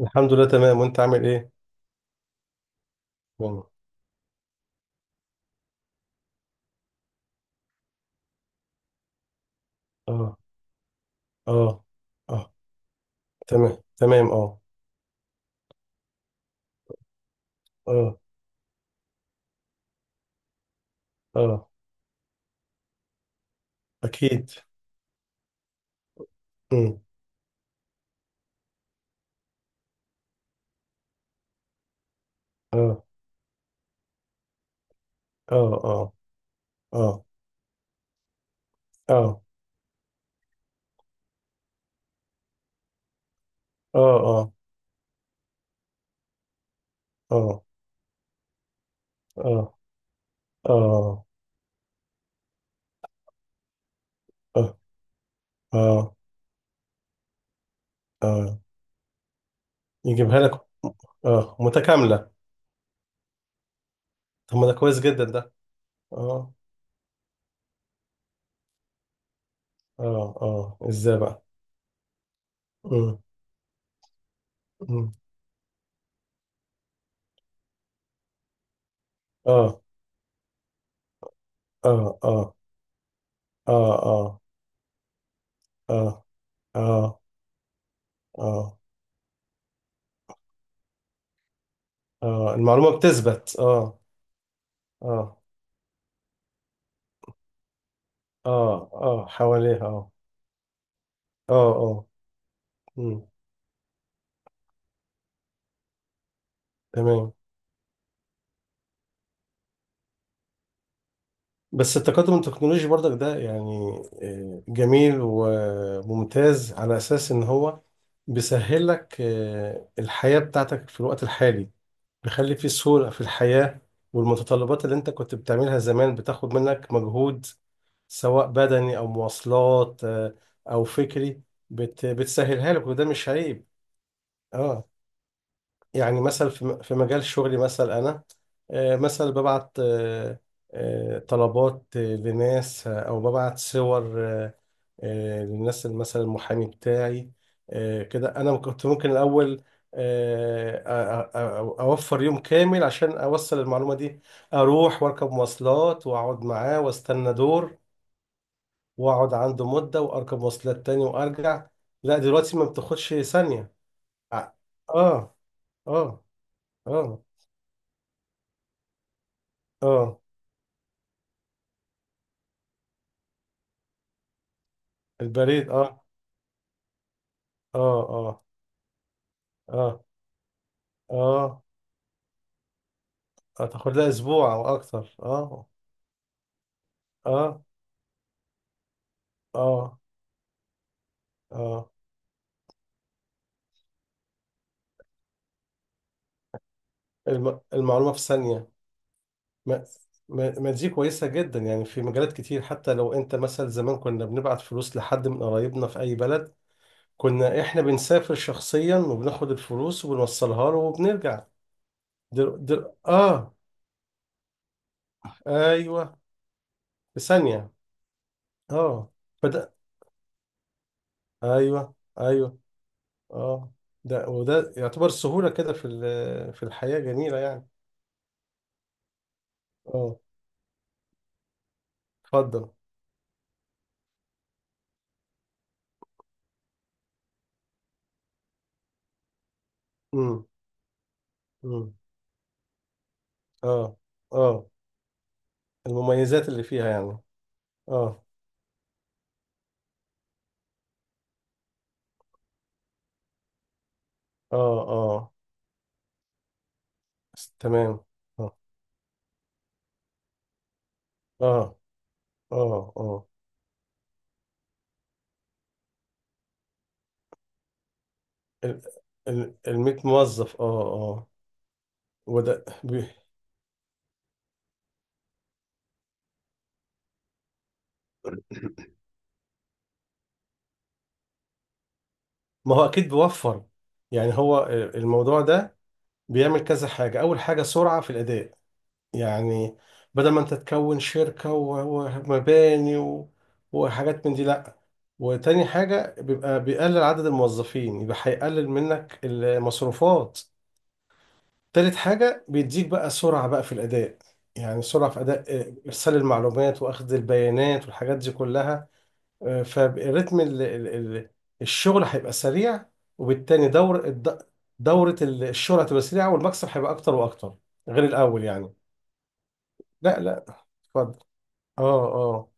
الحمد لله، تمام، وانت عامل ايه؟ تمام. اه، اه. اه. تمام، تمام، اه. اه. اه. اكيد. امم اه. اه. اه، اه، اه، اه، اه، اه، اه، اه، اه، اه، اه. يجيبها لك. اه، متكاملة. طب ما ده كويس جدا ده. اه. اه، اه، ازاي بقى؟ امم امم اه، اه. اه، اه، اه، اه، اه، اه، اه. المعلومة بتثبت، اه. اه، اه، اه، حواليها، اه. اه، اه. مم. تمام. بس التقدم التكنولوجي برضك ده، يعني جميل وممتاز على اساس ان هو بيسهل لك الحياة بتاعتك في الوقت الحالي، بيخلي في سهولة في الحياة، والمتطلبات اللي انت كنت بتعملها زمان بتاخد منك مجهود، سواء بدني او مواصلات او فكري، بتسهلها لك، وده مش عيب. اه. يعني مثلا في مجال شغلي، مثلا انا مثلا ببعت طلبات لناس، او ببعت صور للناس، مثلا المحامي بتاعي، كده انا كنت ممكن الاول اوفر يوم كامل عشان اوصل المعلومه دي، اروح واركب مواصلات واقعد معاه واستنى دور، واقعد عنده مده واركب مواصلات تاني وارجع. لا، دلوقتي ما بتاخدش ثانيه. اه، اه، اه، اه. البريد، اه. اه، اه، اه، اه. هتاخد لها اسبوع او اكتر، اه اه. اه، اه. المعلومه في ثانيه. ما... ما دي كويسه جدا، يعني في مجالات كتير حتى لو انت مثلا زمان كنا بنبعت فلوس لحد من قرايبنا في اي بلد، كنا احنا بنسافر شخصيا وبناخد الفلوس وبنوصلها له وبنرجع. اه، ايوه. في ثانيه. اه. فده. ايوه، ايوه، اه. ده وده يعتبر السهولة كده في الحياة جميلة يعني. اه، اتفضل. امم، امم. اه، اه، المميزات اللي فيها يعني. اه، اه، اه. س- تمام. اه، اه، اه، اه، ال ال ال موظف، اه، اه. وده ما هو اكيد بيوفر، يعني هو الموضوع ده بيعمل كذا حاجة. اول حاجة سرعة في الاداء، يعني بدل ما انت تكون شركة ومباني وحاجات من دي، لا. وتاني حاجة بيبقى بيقلل عدد الموظفين، يبقى هيقلل منك المصروفات. تالت حاجة بيديك بقى سرعة بقى في الأداء، يعني سرعة في أداء إرسال المعلومات وأخذ البيانات والحاجات دي كلها. فالريتم، ال- الشغل هيبقى سريع، وبالتالي دورة الشغل هتبقى سريعة، والمكسب هيبقى أكتر وأكتر غير الأول يعني. لا، لا، اتفضل. اه، آه.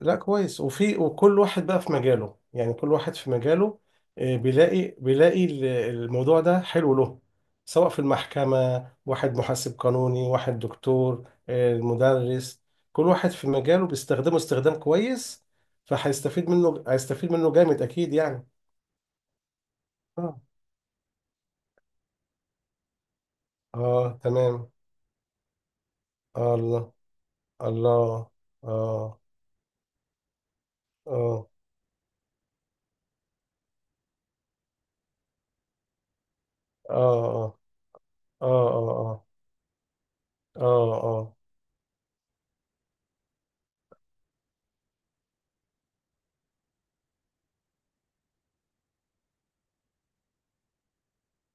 لا، كويس. وفي، وكل واحد بقى في مجاله، يعني كل واحد في مجاله بيلاقي بيلاقي الموضوع ده حلو له، سواء في المحكمة، واحد محاسب قانوني، واحد دكتور، مدرس. كل واحد في مجاله بيستخدمه استخدام كويس، فهيستفيد منه، هيستفيد منه جامد أكيد يعني. اه، اه، تمام. آه الله. الله. اه، اه، اه، اه، اه، اه، اه،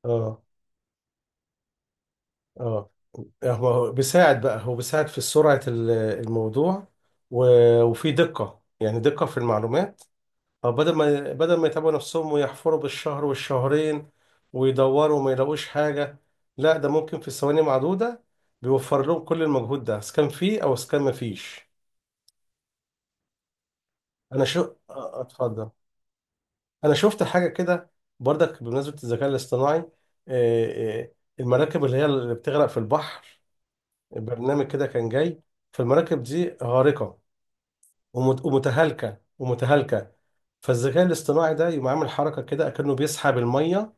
اه، اه، اه. هو بيساعد بقى، هو بيساعد في سرعة الموضوع، وفي دقة، يعني دقة في المعلومات. أو بدل ما يتعبوا نفسهم ويحفروا بالشهر والشهرين ويدوروا وما يلاقوش حاجة، لا، ده ممكن في ثواني معدودة، بيوفر لهم كل المجهود ده، سكان فيه أو سكان ما فيش. أنا أتفضل. أنا شفت حاجة كده برضك بمناسبة الذكاء الاصطناعي. آه، آه، المراكب اللي هي اللي بتغرق في البحر، برنامج كده كان جاي، فالمراكب دي غارقة ومتهالكه، ومتهالكه. فالذكاء الاصطناعي ده يقوم عامل حركه كده، اكنه بيسحب الميه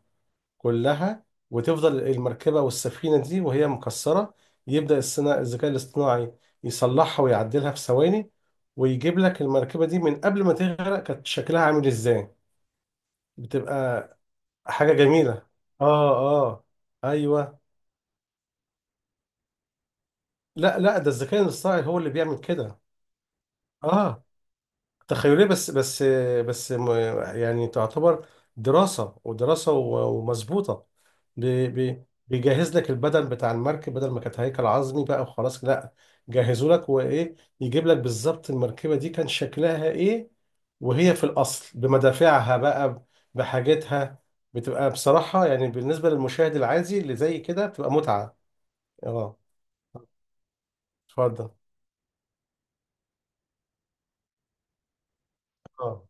كلها، وتفضل المركبه والسفينه دي وهي مكسره. يبدا الذكاء الاصطناعي يصلحها ويعدلها في ثواني، ويجيب لك المركبه دي من قبل ما تغرق كانت شكلها عامل ازاي. بتبقى حاجه جميله. اه. اه، ايوه. لا، لا، ده الذكاء الاصطناعي هو اللي بيعمل كده. اه. تخيلية، بس م- يعني تعتبر دراسة، ودراسة ومظبوطة. بيجهز لك البدن بتاع المركب، بدل ما كانت هيكل عظمي بقى وخلاص، لا، جهزوا لك وإيه، يجيب لك بالظبط المركبة دي كان شكلها إيه وهي في الأصل بمدافعها بقى، بحاجتها. بتبقى بصراحة يعني بالنسبة للمشاهد العادي اللي زي كده بتبقى متعة. اه، اتفضل. اه.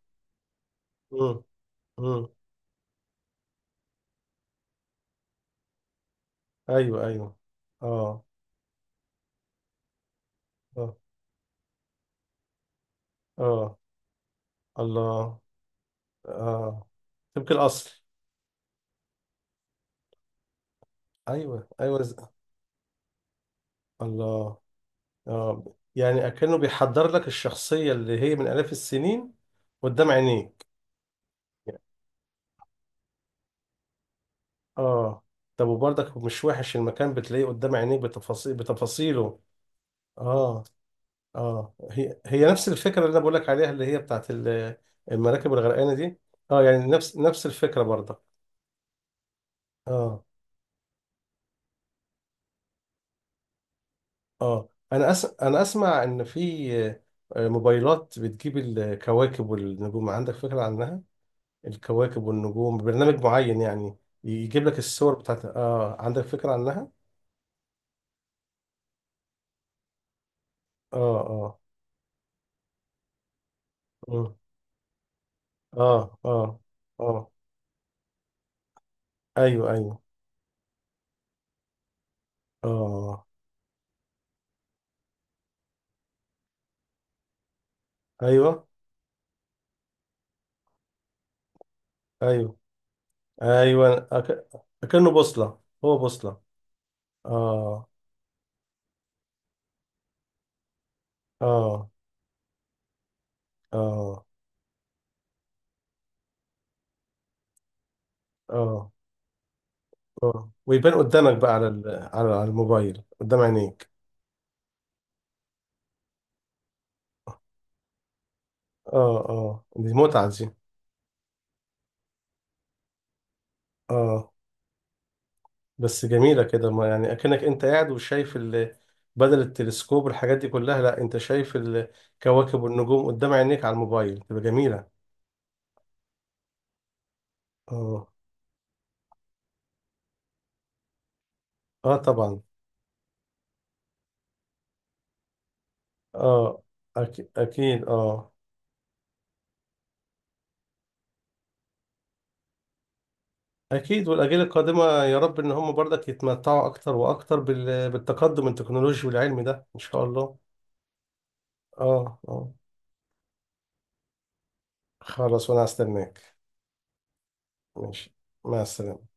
امم، امم. ايوه، ايوه. اه، اه، اه. الله. آه، سمك الأصل. أيوه، أيوه، الله. آه، يعني أكنه بيحضر لك الشخصية اللي هي من آلاف السنين قدام عينيك. آه. طب وبرضك مش وحش المكان بتلاقيه قدام عينيك بتفاصيل، بتفاصيله. آه. آه، هي هي نفس الفكرة اللي أنا بقول لك عليها، اللي هي بتاعت المراكب الغرقانة دي. آه، يعني نفس نفس الفكرة برضك. آه. اه، انا اسمع ان في موبايلات بتجيب الكواكب والنجوم، عندك فكرة عنها؟ الكواكب والنجوم، برنامج معين يعني يجيب لك الصور بتاعت، اه، عندك فكرة عنها؟ اه، اه. مم. اه، اه، اه. ايوه، ايوه. اه. ايوه، ايوه. ايوه، اكنه بوصلة، هو بوصلة. اه. اه، اه، اه، اه. ويبان قدامك بقى على على، على الموبايل قدام عينيك. اه، اه، دي متعة دي. اه. بس جميلة كده، ما يعني اكنك انت قاعد وشايف بدل التلسكوب والحاجات دي كلها، لا، انت شايف الكواكب والنجوم قدام عينيك على الموبايل، تبقى جميلة. اه. اه، طبعا. اه، أكيد، اكيد، اه. اكيد، والاجيال القادمة يا رب ان هم برضك يتمتعوا اكتر واكتر بالتقدم التكنولوجي والعلمي ده ان شاء الله. اه، اه. خلاص، وانا هستناك. ماشي، مع السلامة.